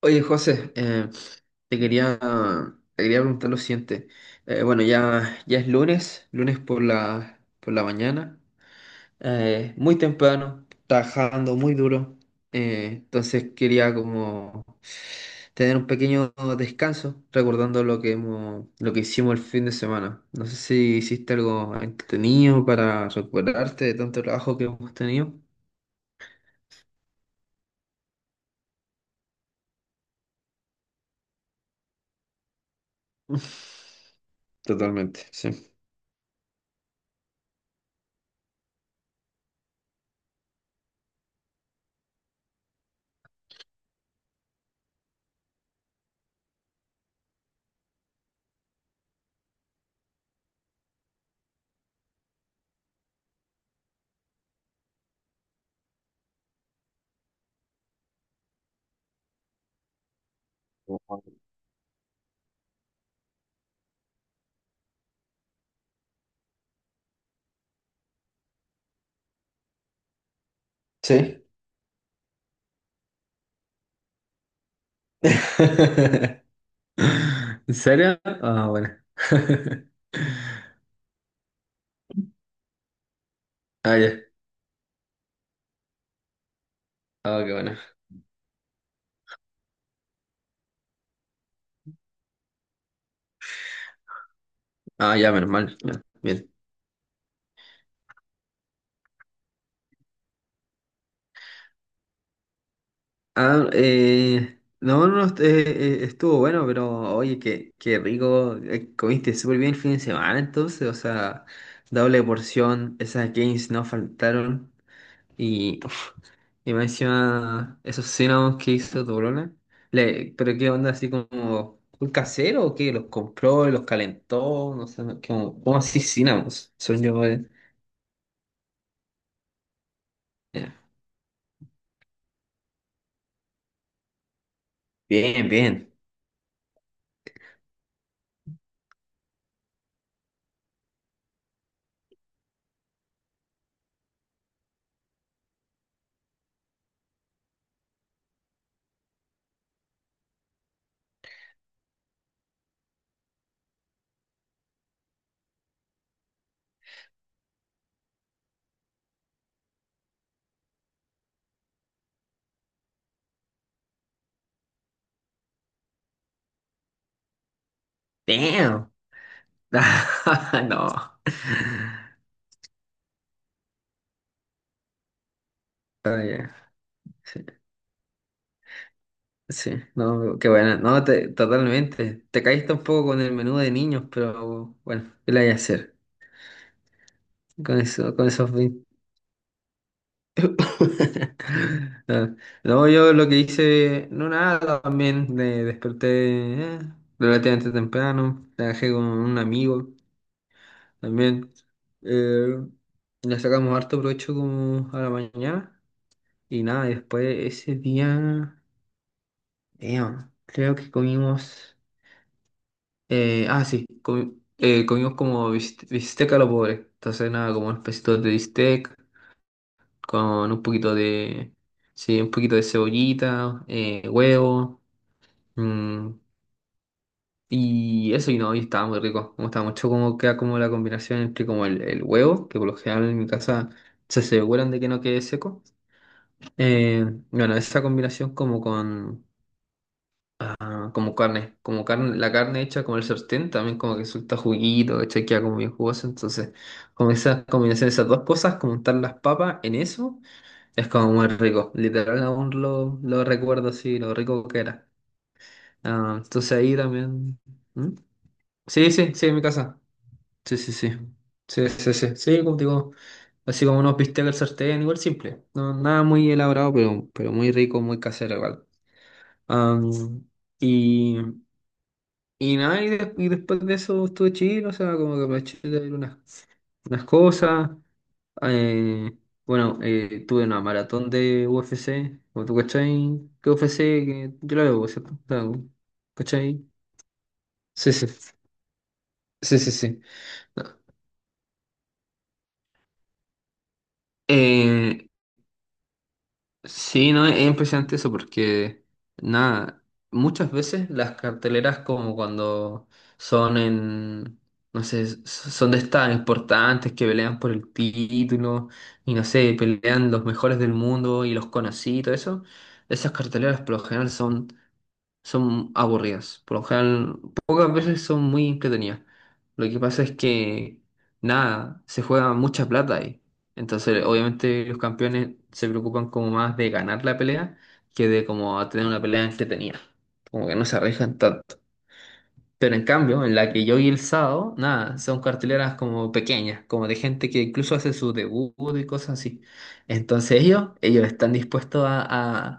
Oye, José, te quería, te quería preguntar lo siguiente. Bueno, ya es lunes, lunes por la mañana, muy temprano, trabajando muy duro. Entonces quería como tener un pequeño descanso, recordando lo que hicimos el fin de semana. No sé si hiciste algo entretenido para recuperarte de tanto trabajo que hemos tenido. Totalmente, sí. Sí. ¿En serio? Ah, bueno. Ah, ya. Ah, qué bueno. Ah, ya, menos mal. Ya, bien. Ah, no, no, est- estuvo bueno, pero oye, qué, qué rico. Comiste súper bien el fin de semana, entonces, o sea, doble porción. Esas gains no faltaron. Y y más encima, esos cinnamons que hizo tu brona, le, pero qué onda, así como, ¿un casero o qué? ¿Los compró, los calentó? No sé, no- como, ¿cómo así cinnamons? Son yo, eh. Ya. Bien, bien. Damn. No. Ah, ya. Sí, sí. No, qué buena. No, te- totalmente. Te caíste un poco con el menú de niños, pero bueno, ¿qué le hay a hacer? Con eso, con esos Ah, no, yo lo que hice, no nada, también me desperté relativamente temprano, trabajé con un amigo también, eh, le sacamos harto provecho como a la mañana y nada, y después ese día, damn, creo que comimos, ah sí, comimos como bistec a lo pobre, entonces nada, como un de bistec. Con un poquito de, sí, un poquito de cebollita, huevo, mm, y eso y no, y estaba muy rico, me gustaba mucho cómo queda como la combinación entre como el huevo, que por lo general en mi casa se aseguran de que no quede seco, eh, bueno, esa combinación como con, ah, como carne, la carne hecha como el sartén, también como que suelta juguito, hecha queda como bien jugoso, entonces como esa combinación de esas dos cosas, como untar las papas en eso. Es como muy rico, literal aún lo recuerdo así, lo rico que era. Ah, entonces ahí también... ¿Mm? Sí, sí, sí, en mi casa. Sí, sí, sí. Sí, sí, sí. Sí, como digo, así como unos bistecs al sartén, igual simple. No, nada muy elaborado, pero muy rico, muy casero igual. Am, y, y nada, y, de- y después de eso estuve chill, o sea, como que aproveché de ver unas, unas cosas. Eh, bueno, tuve una maratón de UFC, como tú cachai, que UFC, que yo la veo, ¿cierto? La veo, ¿cachai? Sí, sí, sí, sí, sí. Eh, sí, no, es impresionante eso porque, nada, muchas veces las carteleras como cuando son en, no sé, s- son de estas importantes que pelean por el título y no sé, pelean los mejores del mundo y los conocí y todo eso, esas carteleras por lo general son aburridas. Por lo general, pocas veces son muy entretenidas. Lo que pasa es que, nada, se juega mucha plata ahí. Entonces, obviamente, los campeones se preocupan como más de ganar la pelea que de como tener una pelea entretenida. Como que no se arriesgan tanto. Pero en cambio, en la que yo vi el sábado, nada, son carteleras como pequeñas, como de gente que incluso hace su debut y cosas así. Entonces ellos están dispuestos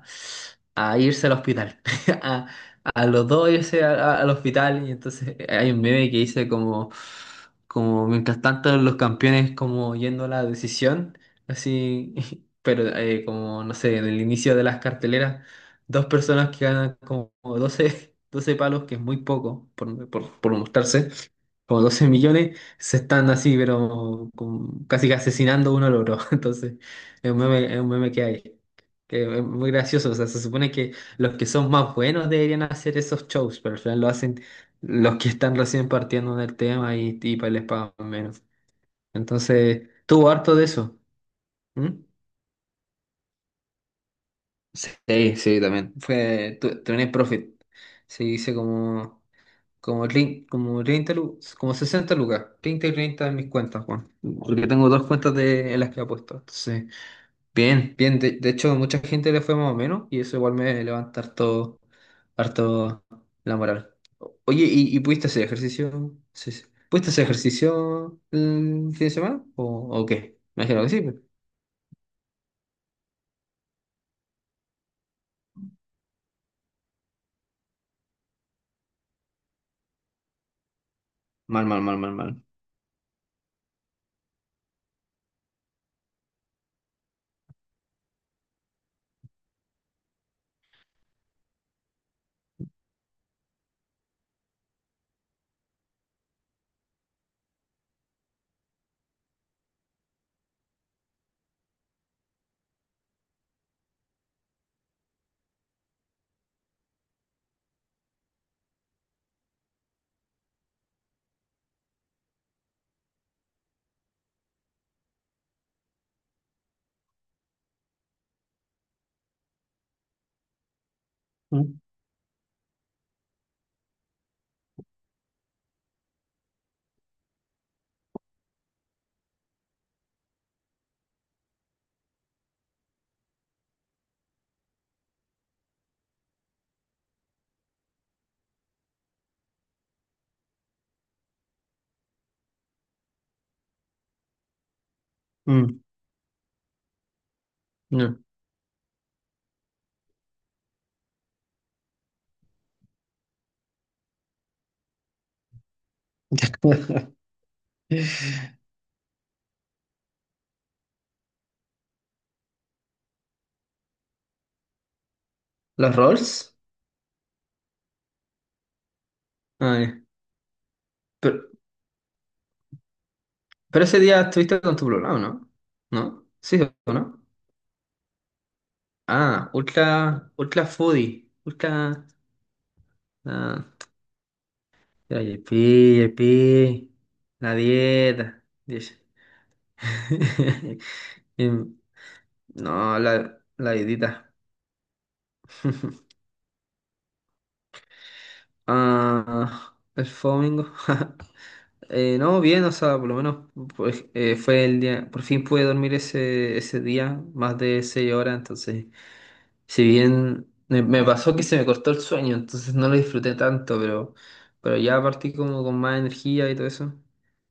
a, a irse al hospital. A, a los dos irse al hospital. Y entonces hay un meme que dice como, como mientras tanto los campeones como yendo a la decisión, así, pero como, no sé, en el inicio de las carteleras. Dos personas que ganan como 12 12 palos, que es muy poco por mostrarse, como 12 millones, se están así, pero con- casi que asesinando uno al otro. Entonces, es un meme que hay, que es muy gracioso. O sea, se supone que los que son más buenos deberían hacer esos shows, pero al final lo hacen los que están recién partiendo del tema y pa- les pagan menos. Entonces, tuvo harto de eso. ¿Mm? Sí, sí, también. Fue, tu- Tuning Profit. Se dice como. Como, trein- como 30 lu- como 60 lucas, 30 y 30 en mis cuentas, Juan. Porque tengo dos cuentas de, en las que he puesto. Entonces, bien, bien. De hecho, mucha gente le fue más o menos y eso igual me levanta harto, harto la moral. Oye, y pudiste hacer ejercicio? Sí, sí. ¿Pudiste hacer ejercicio el fin de semana? O qué? Me imagino que sí, pues. Mal, mal, mal, mal, mal. Mm, mm, no. ¿Los rolls? Ah, ya. Pero ese día estuviste con tu programa, ¿no? ¿No? Sí, ¿o ¿no? Ah, ultra, ultra foodie, ultra, ah, ya, ya, pi, la dieta, dice. Em, no, la dietita. Ah, el domingo. No, bien, o sea, por lo menos pues, fue el día, por fin pude dormir ese día, más de 6 horas, entonces si bien me pasó que se me cortó el sueño, entonces no lo disfruté tanto, pero ya partí como con más energía y todo eso.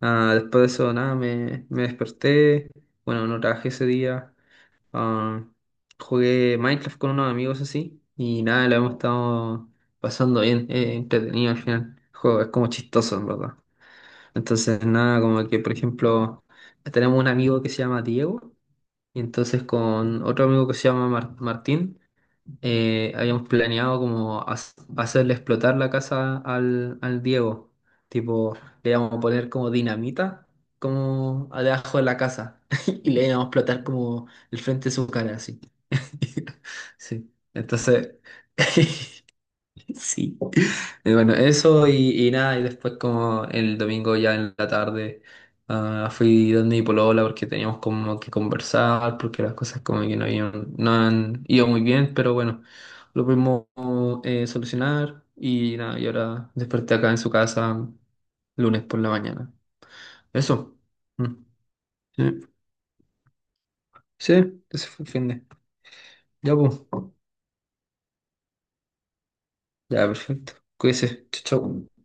Ah, después de eso, nada, me desperté. Bueno, no trabajé ese día. Ah, jugué Minecraft con unos amigos así. Y nada, lo hemos estado pasando bien, entretenido al final. El juego es como chistoso, en verdad. Entonces, nada, como que, por ejemplo, tenemos un amigo que se llama Diego. Y entonces con otro amigo que se llama Martín habíamos planeado como hacerle explotar la casa al Diego. Tipo, le íbamos a poner como dinamita, como debajo de la casa. Y le íbamos a explotar como el frente de su cara, así. Sí. Entonces, sí. Y bueno, eso y nada, y después como el domingo ya en la tarde ah, fui donde mi polola porque teníamos como que conversar, porque las cosas como que no habían, no han ido muy bien, pero bueno, lo pudimos solucionar y nada, y ahora desperté acá en su casa lunes por la mañana. Eso. Mm. Sí, sí, ese fue el fin de. Ya, pues. Ya, perfecto. Cuídese. Chau, chau.